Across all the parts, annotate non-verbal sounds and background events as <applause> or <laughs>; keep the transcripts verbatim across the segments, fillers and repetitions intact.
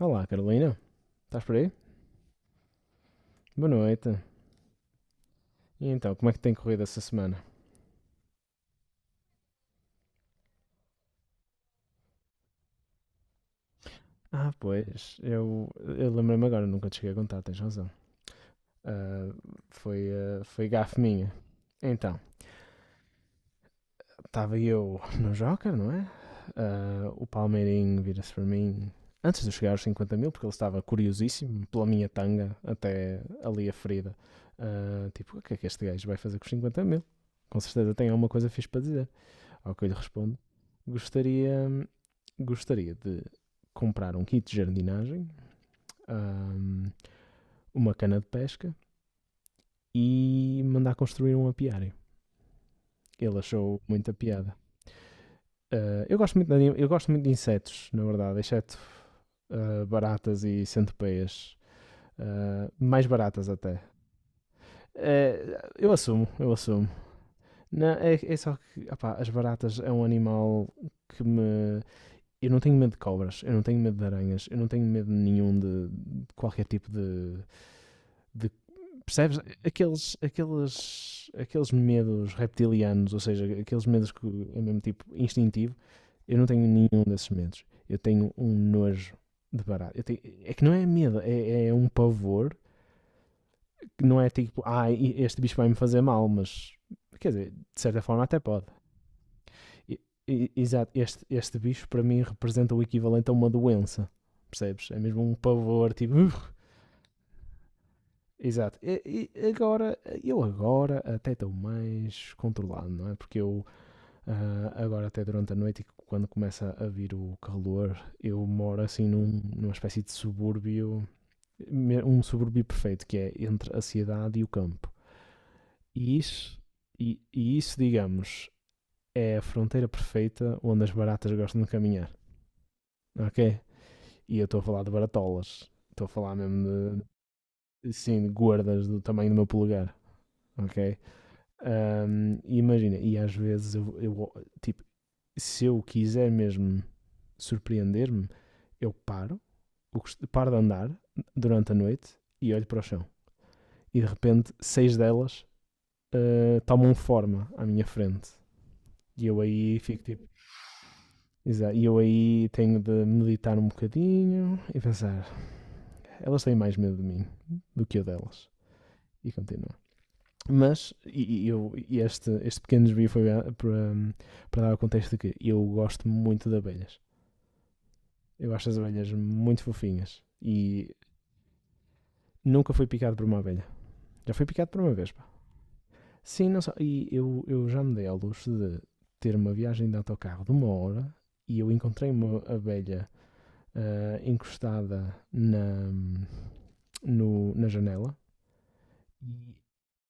Olá, Carolina. Estás por aí? Boa noite. E então, como é que tem corrido essa semana? Ah, pois, eu, eu lembrei-me agora, nunca te cheguei a contar, tens razão. Ah, foi, ah, foi gafe minha. Então, estava eu no Joker, não é? Ah, o Palmeirinho vira-se para mim antes de eu chegar aos cinquenta mil, porque ele estava curiosíssimo pela minha tanga até ali a ferida. Ah, tipo, o que é que este gajo vai fazer com os cinquenta mil? Com certeza tem alguma coisa fixe para dizer. Ao que eu lhe respondo: gostaria, gostaria de comprar um kit de jardinagem, ahm, uma cana de pesca e mandar construir um apiário. Ele achou muita piada. Ah, eu, gosto muito de anim- eu gosto muito de insetos, na verdade, exceto ah, baratas e centopeias. Ah, mais baratas até. Ah, eu assumo, eu assumo. Não, é, é só que opá, as baratas é um animal que me eu não tenho medo de cobras, eu não tenho medo de aranhas, eu não tenho medo nenhum de, de qualquer tipo de, de- Percebes? Aqueles, aqueles, aqueles medos reptilianos, ou seja, aqueles medos que é mesmo tipo instintivo, eu não tenho nenhum desses medos. Eu tenho um nojo de barato. Eu tenho- é que não é medo, é, é um pavor que não é tipo, ah, este bicho vai me fazer mal, mas quer dizer, de certa forma até pode. Exato, este, este bicho para mim representa o equivalente a uma doença, percebes? É mesmo um pavor, tipo. Exato. E, e agora, eu agora até estou mais controlado, não é? Porque eu ah, agora até durante a noite, e quando começa a vir o calor, eu moro assim num- numa espécie de subúrbio, um subúrbio perfeito, que é entre a cidade e o campo. E isso, e, e isso digamos, é a fronteira perfeita onde as baratas gostam de caminhar, ok? E eu estou a falar de baratolas. Estou a falar mesmo de, sim, de gordas do tamanho do meu polegar, ok? Ahm, e imagina, e às vezes eu, eu, tipo, se eu quiser mesmo surpreender-me, eu paro, eu paro, de andar durante a noite e olho para o chão. E de repente, seis delas ah, tomam forma à minha frente. E eu aí fico tipo, Exa- E eu aí tenho de meditar um bocadinho e pensar, elas têm mais medo de mim do que eu delas. E continua. Mas e, e eu, e este, este pequeno desvio foi para, para dar o contexto de que eu gosto muito de abelhas. Eu acho as abelhas muito fofinhas e nunca fui picado por uma abelha. Já fui picado por uma vespa. Sim, não só. E eu, eu já me dei ao luxo de ter uma viagem de autocarro de uma hora e eu encontrei uma abelha ah, encostada na, no- na janela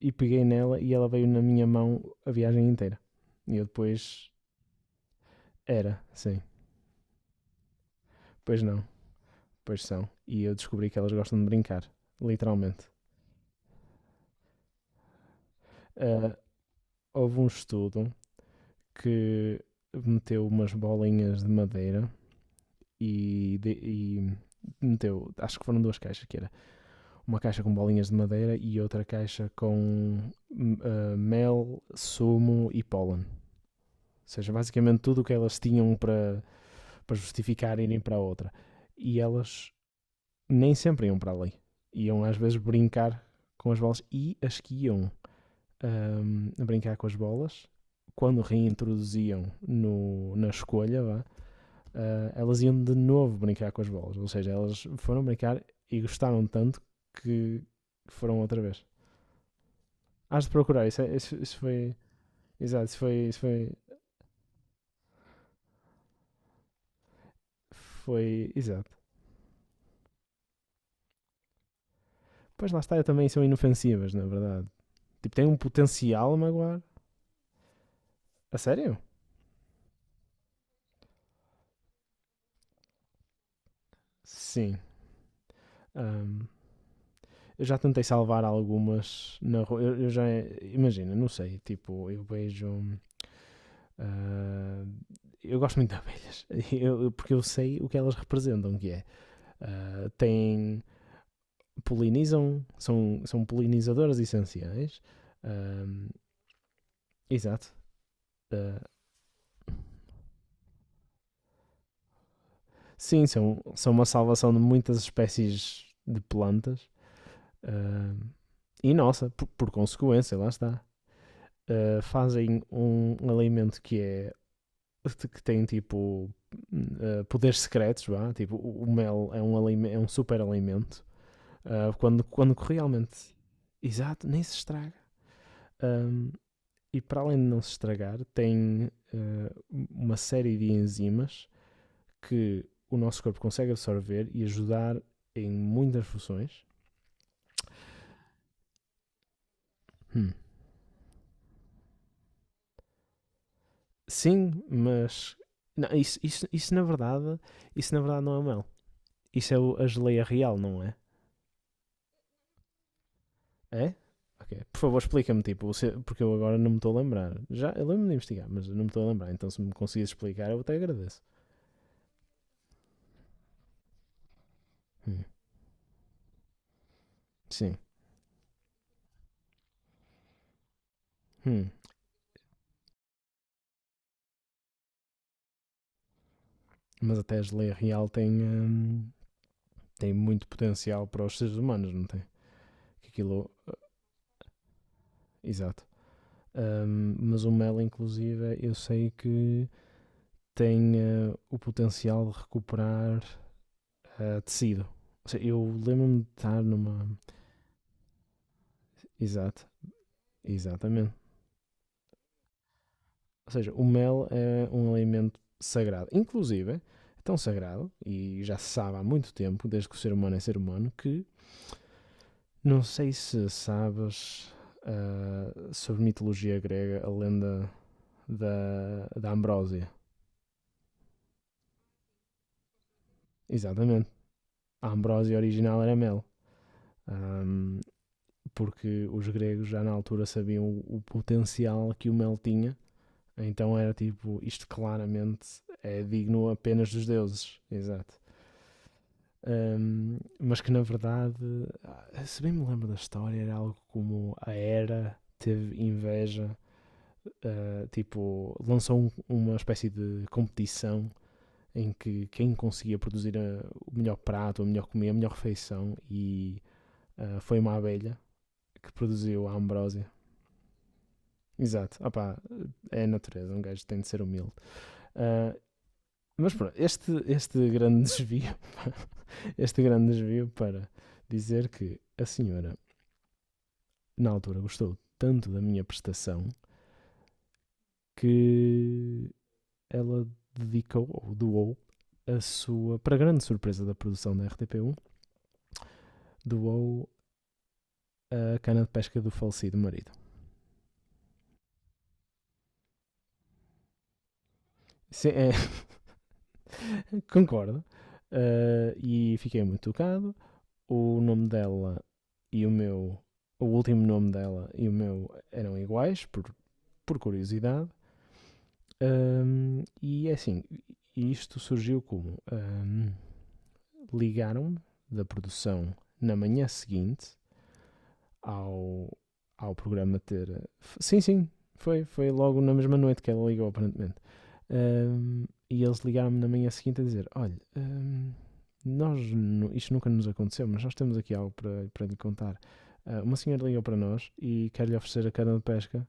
e, e peguei nela e ela veio na minha mão a viagem inteira. E eu depois era, sim. Pois não, pois são. E eu descobri que elas gostam de brincar, literalmente. Ah, houve um estudo que meteu umas bolinhas de madeira e, de- e meteu, acho que foram duas caixas, que era uma caixa com bolinhas de madeira e outra caixa com hum, ah, mel, sumo e pólen. Ou seja, basicamente tudo o que elas tinham para, para, justificar irem para a outra. E elas nem sempre iam para ali. Iam às vezes brincar com as bolas e as que iam ahm, a brincar com as bolas. Quando reintroduziam no, na escolha, vá, ah, elas iam de novo brincar com as bolas. Ou seja, elas foram brincar e gostaram tanto que foram outra vez. Hás de procurar, isso, é- isso, isso foi. Exato, isso foi, isso foi. Foi. Exato. Pois lá está, também são inofensivas, na verdade. Tipo, têm um potencial a magoar. A sério? Sim. Ahm, eu já tentei salvar algumas na rua. Eu, eu já. Imagina, não sei. Tipo, eu vejo. um Ah, eu gosto muito de abelhas, <laughs> eu- porque eu sei o que elas representam, que é, ah, têm, polinizam, são, são polinizadoras essenciais, Ah, exato, Ah, sim, são, são uma salvação de muitas espécies de plantas, Ah, e nossa, por, por consequência, lá está, Ah, fazem um alimento que é, que tem tipo, hum, ah, poderes secretos, vá, tipo, o o mel é um, alime- é um super alimento, Ah, quando, quando realmente. Exato, nem se estraga. Ahm, e para além de não se estragar, tem ah, uma série de enzimas que o nosso corpo consegue absorver e ajudar em muitas funções. Hum. Sim, mas não, isso, isso, isso na verdade isso na verdade não é mel. Isso é a geleia real, não é? É? Ok. Por favor, explica-me, tipo, você- porque eu agora não me estou a lembrar. Já, eu lembro-me de investigar, mas não me estou a lembrar. Então, se me conseguires explicar, eu até agradeço. Hum. Sim. Hum, Mas até a geleia real tem, hum, tem muito potencial para os seres humanos, não tem? Que aquilo. eh, Exato. Hum, mas o mel, inclusive, é, eu sei que tem eh, o potencial de recuperar eh, tecido. Ou seja, eu lembro-me de estar numa. Exato, exatamente. Ou seja, o mel é um alimento sagrado. Inclusive, é tão sagrado, e já se sabe há muito tempo, desde que o ser humano é ser humano, que Não sei se sabes ah, sobre mitologia grega, a lenda da, da Ambrósia. Exatamente. A Ambrósia original era mel. Ahm, Porque os gregos já na altura sabiam o, o potencial que o mel tinha. Então era tipo, isto claramente é digno apenas dos deuses. Exato. Ahm, mas que na verdade, ah, se bem me lembro da história, era algo como a Hera teve inveja ah, tipo, lançou um- uma espécie de competição em que quem conseguia produzir ah, o melhor prato, a melhor comida, a melhor refeição e ah, foi uma abelha que produziu a ambrósia. Exato, opá, é a natureza, um gajo tem de ser humilde. Ah, mas pronto, este, este grande desvio, <laughs> este grande desvio para dizer que a senhora, na altura, gostou tanto da minha prestação que ela dedicou, ou doou, a sua, para grande surpresa da produção da R T P um, doou a cana de pesca do falecido marido. Sim, é, <laughs> concordo. Uh, e fiquei muito tocado. O nome dela e o meu, o último nome dela e o meu eram iguais, por, por curiosidade. Um, e é assim, isto surgiu como? Um, Ligaram-me da produção na manhã seguinte ao, ao programa ter. Sim, sim, foi, foi logo na mesma noite que ela ligou, aparentemente. Um, e eles ligaram-me na manhã seguinte a dizer: Olha, um, nós, isto nunca nos aconteceu, mas nós temos aqui algo para, para, lhe contar. Uh, uma senhora ligou para nós e quer-lhe oferecer a cana de pesca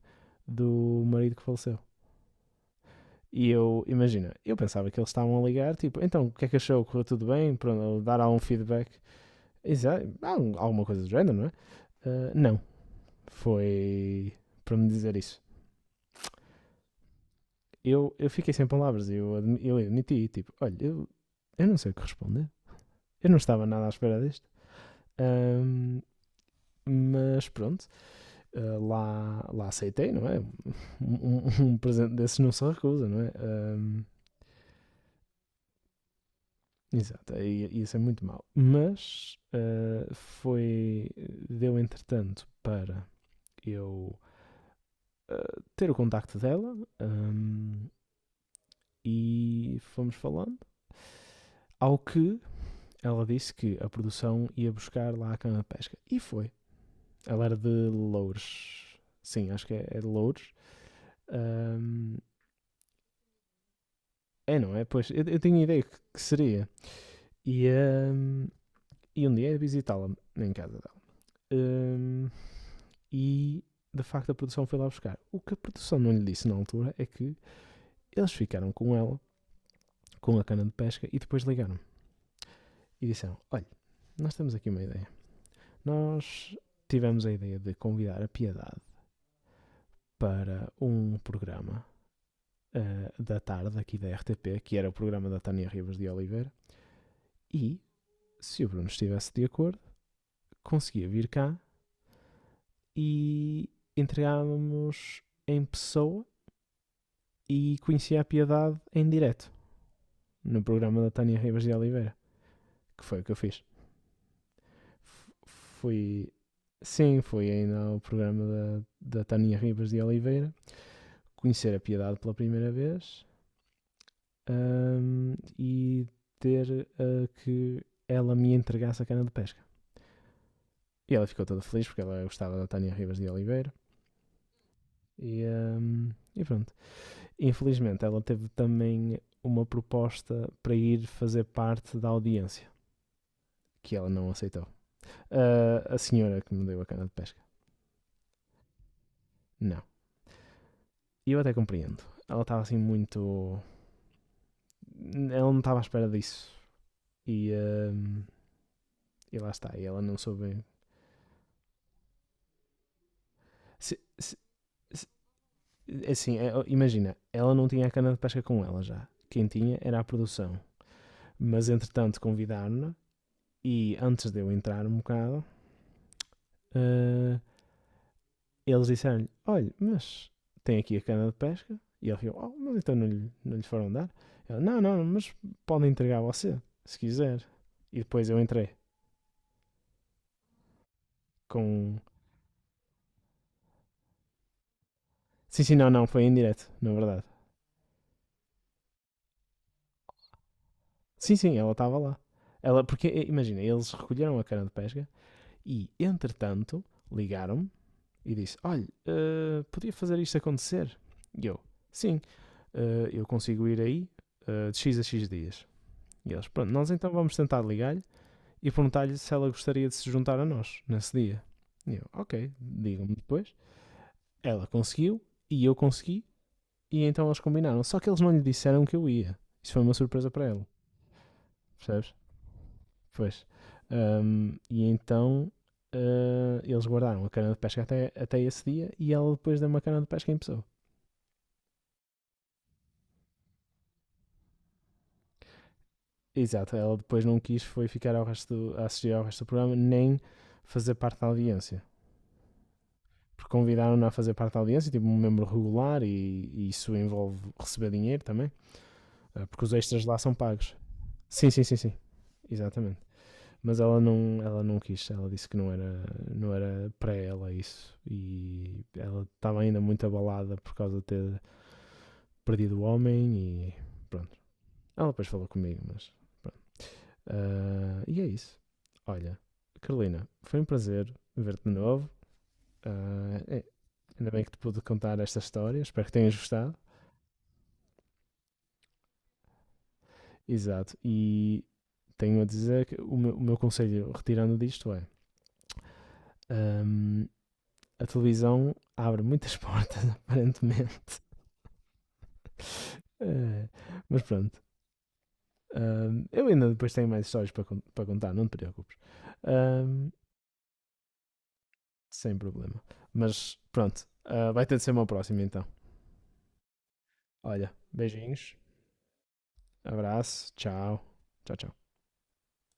do marido que faleceu. E eu, imagina, eu pensava que eles estavam a ligar, tipo, então o que é que achou? Correu tudo bem? Para dar algum feedback? Exato, alguma coisa do género, não é? Uh, não, foi para me dizer isso. Eu, eu fiquei sem palavras, eu, eu admiti, tipo, olha, eu, eu não sei o que responder. Eu não estava nada à espera disto. Ahm, mas pronto, ah, lá, lá aceitei, não é? Um, um- <laughs> um presente desses não se recusa, não é? Ahm, exato, isso é muito mau. Mas ah, foi. Deu entretanto para eu ah, ter o contacto dela ahm, e fomos falando. Ao que ela disse que a produção ia buscar lá a cana de pesca. E foi. Ela era de Loures. Sim, acho que é, é de Loures. Ahm, É, não é? Pois, eu, eu tinha ideia que, que seria. E, ahm, e um dia ia visitá-la em casa dela. Ahm, e, de facto, a produção foi lá buscar. O que a produção não lhe disse na altura é que eles ficaram com ela, com a cana de pesca, e depois ligaram. E disseram, olha, nós temos aqui uma ideia. Nós tivemos a ideia de convidar a Piedade para um programa uh, da tarde aqui da R T P, que era o programa da Tânia Ribas de Oliveira, e se o Bruno estivesse de acordo, conseguia vir cá e entregávamos em pessoa e conhecia a piedade em direto no programa da Tânia Ribas de Oliveira, que foi o que eu fiz. F fui. Sim, foi ainda ao programa da, da Tânia Ribas de Oliveira conhecer a piedade pela primeira vez ahm, e ter ah, que ela me entregasse a cana de pesca. E ela ficou toda feliz porque ela gostava da Tânia Rivas de Oliveira. E, ahm, e pronto. Infelizmente, ela teve também uma proposta para ir fazer parte da audiência, que ela não aceitou. Ah, a senhora que me deu a cana de pesca. Não. E eu até compreendo. Ela estava assim muito. Ela não estava à espera disso. E, ahm, e lá está. E ela não soube. Se, se, se, É assim, é- imagina, ela não tinha a cana de pesca com ela já. Quem tinha era a produção. Mas entretanto convidaram-na e antes de eu entrar um bocado, eh, eles disseram-lhe: Olha, mas tem aqui a cana de pesca. E ele ficou: Oh, mas então não lhe, não lhe foram dar? Ela: Não, não, mas podem entregar a você, se quiser. E depois eu entrei com. Sim, sim, não, não, foi em direto, na verdade. Sim, sim, ela estava lá. Ela, porque, eh, imagina, eles recolheram a cana de pesca e, entretanto, ligaram-me e disse: Olha, eh, podia fazer isto acontecer? E eu: Sim, eh, eu consigo ir aí eh, de X a X dias. E eles: Pronto, nós então vamos tentar ligar-lhe e perguntar-lhe se ela gostaria de se juntar a nós nesse dia. E eu: Ok, digam-me depois. Ela conseguiu e eu consegui e então eles combinaram. Só que eles não lhe disseram que eu ia. Isso foi uma surpresa para ela, percebes? Pois. Ahm, e então eh, eles guardaram a cana de pesca até, até esse dia e ela depois deu uma cana de pesca em pessoa. Exato, ela depois não quis foi ficar ao resto do, a assistir ao resto do programa, nem fazer parte da audiência. Porque convidaram-na a fazer parte da audiência, tipo um membro regular, e, e isso envolve receber dinheiro também, eh, porque os extras lá são pagos. Sim, sim, sim, sim, exatamente. Mas ela não, ela não quis, ela disse que não era, não era para ela isso. E ela estava ainda muito abalada por causa de ter perdido o homem, e pronto. Ela depois falou comigo, mas Ah, e é isso. Olha, Carolina, foi um prazer ver-te de novo. Ah, é, ainda bem que te pude contar esta história. Espero que tenhas gostado. Exato. E tenho a dizer que o meu, o meu conselho, retirando disto, é: ahm, a televisão abre muitas <laughs> portas, aparentemente. Eh, mas pronto. Ahm, eu ainda depois tenho mais histórias para, para, contar, não te preocupes. Ahm, sem problema. Mas pronto, ah, vai ter de ser uma próxima então. Olha, beijinhos. Abraço, tchau. Tchau, tchau.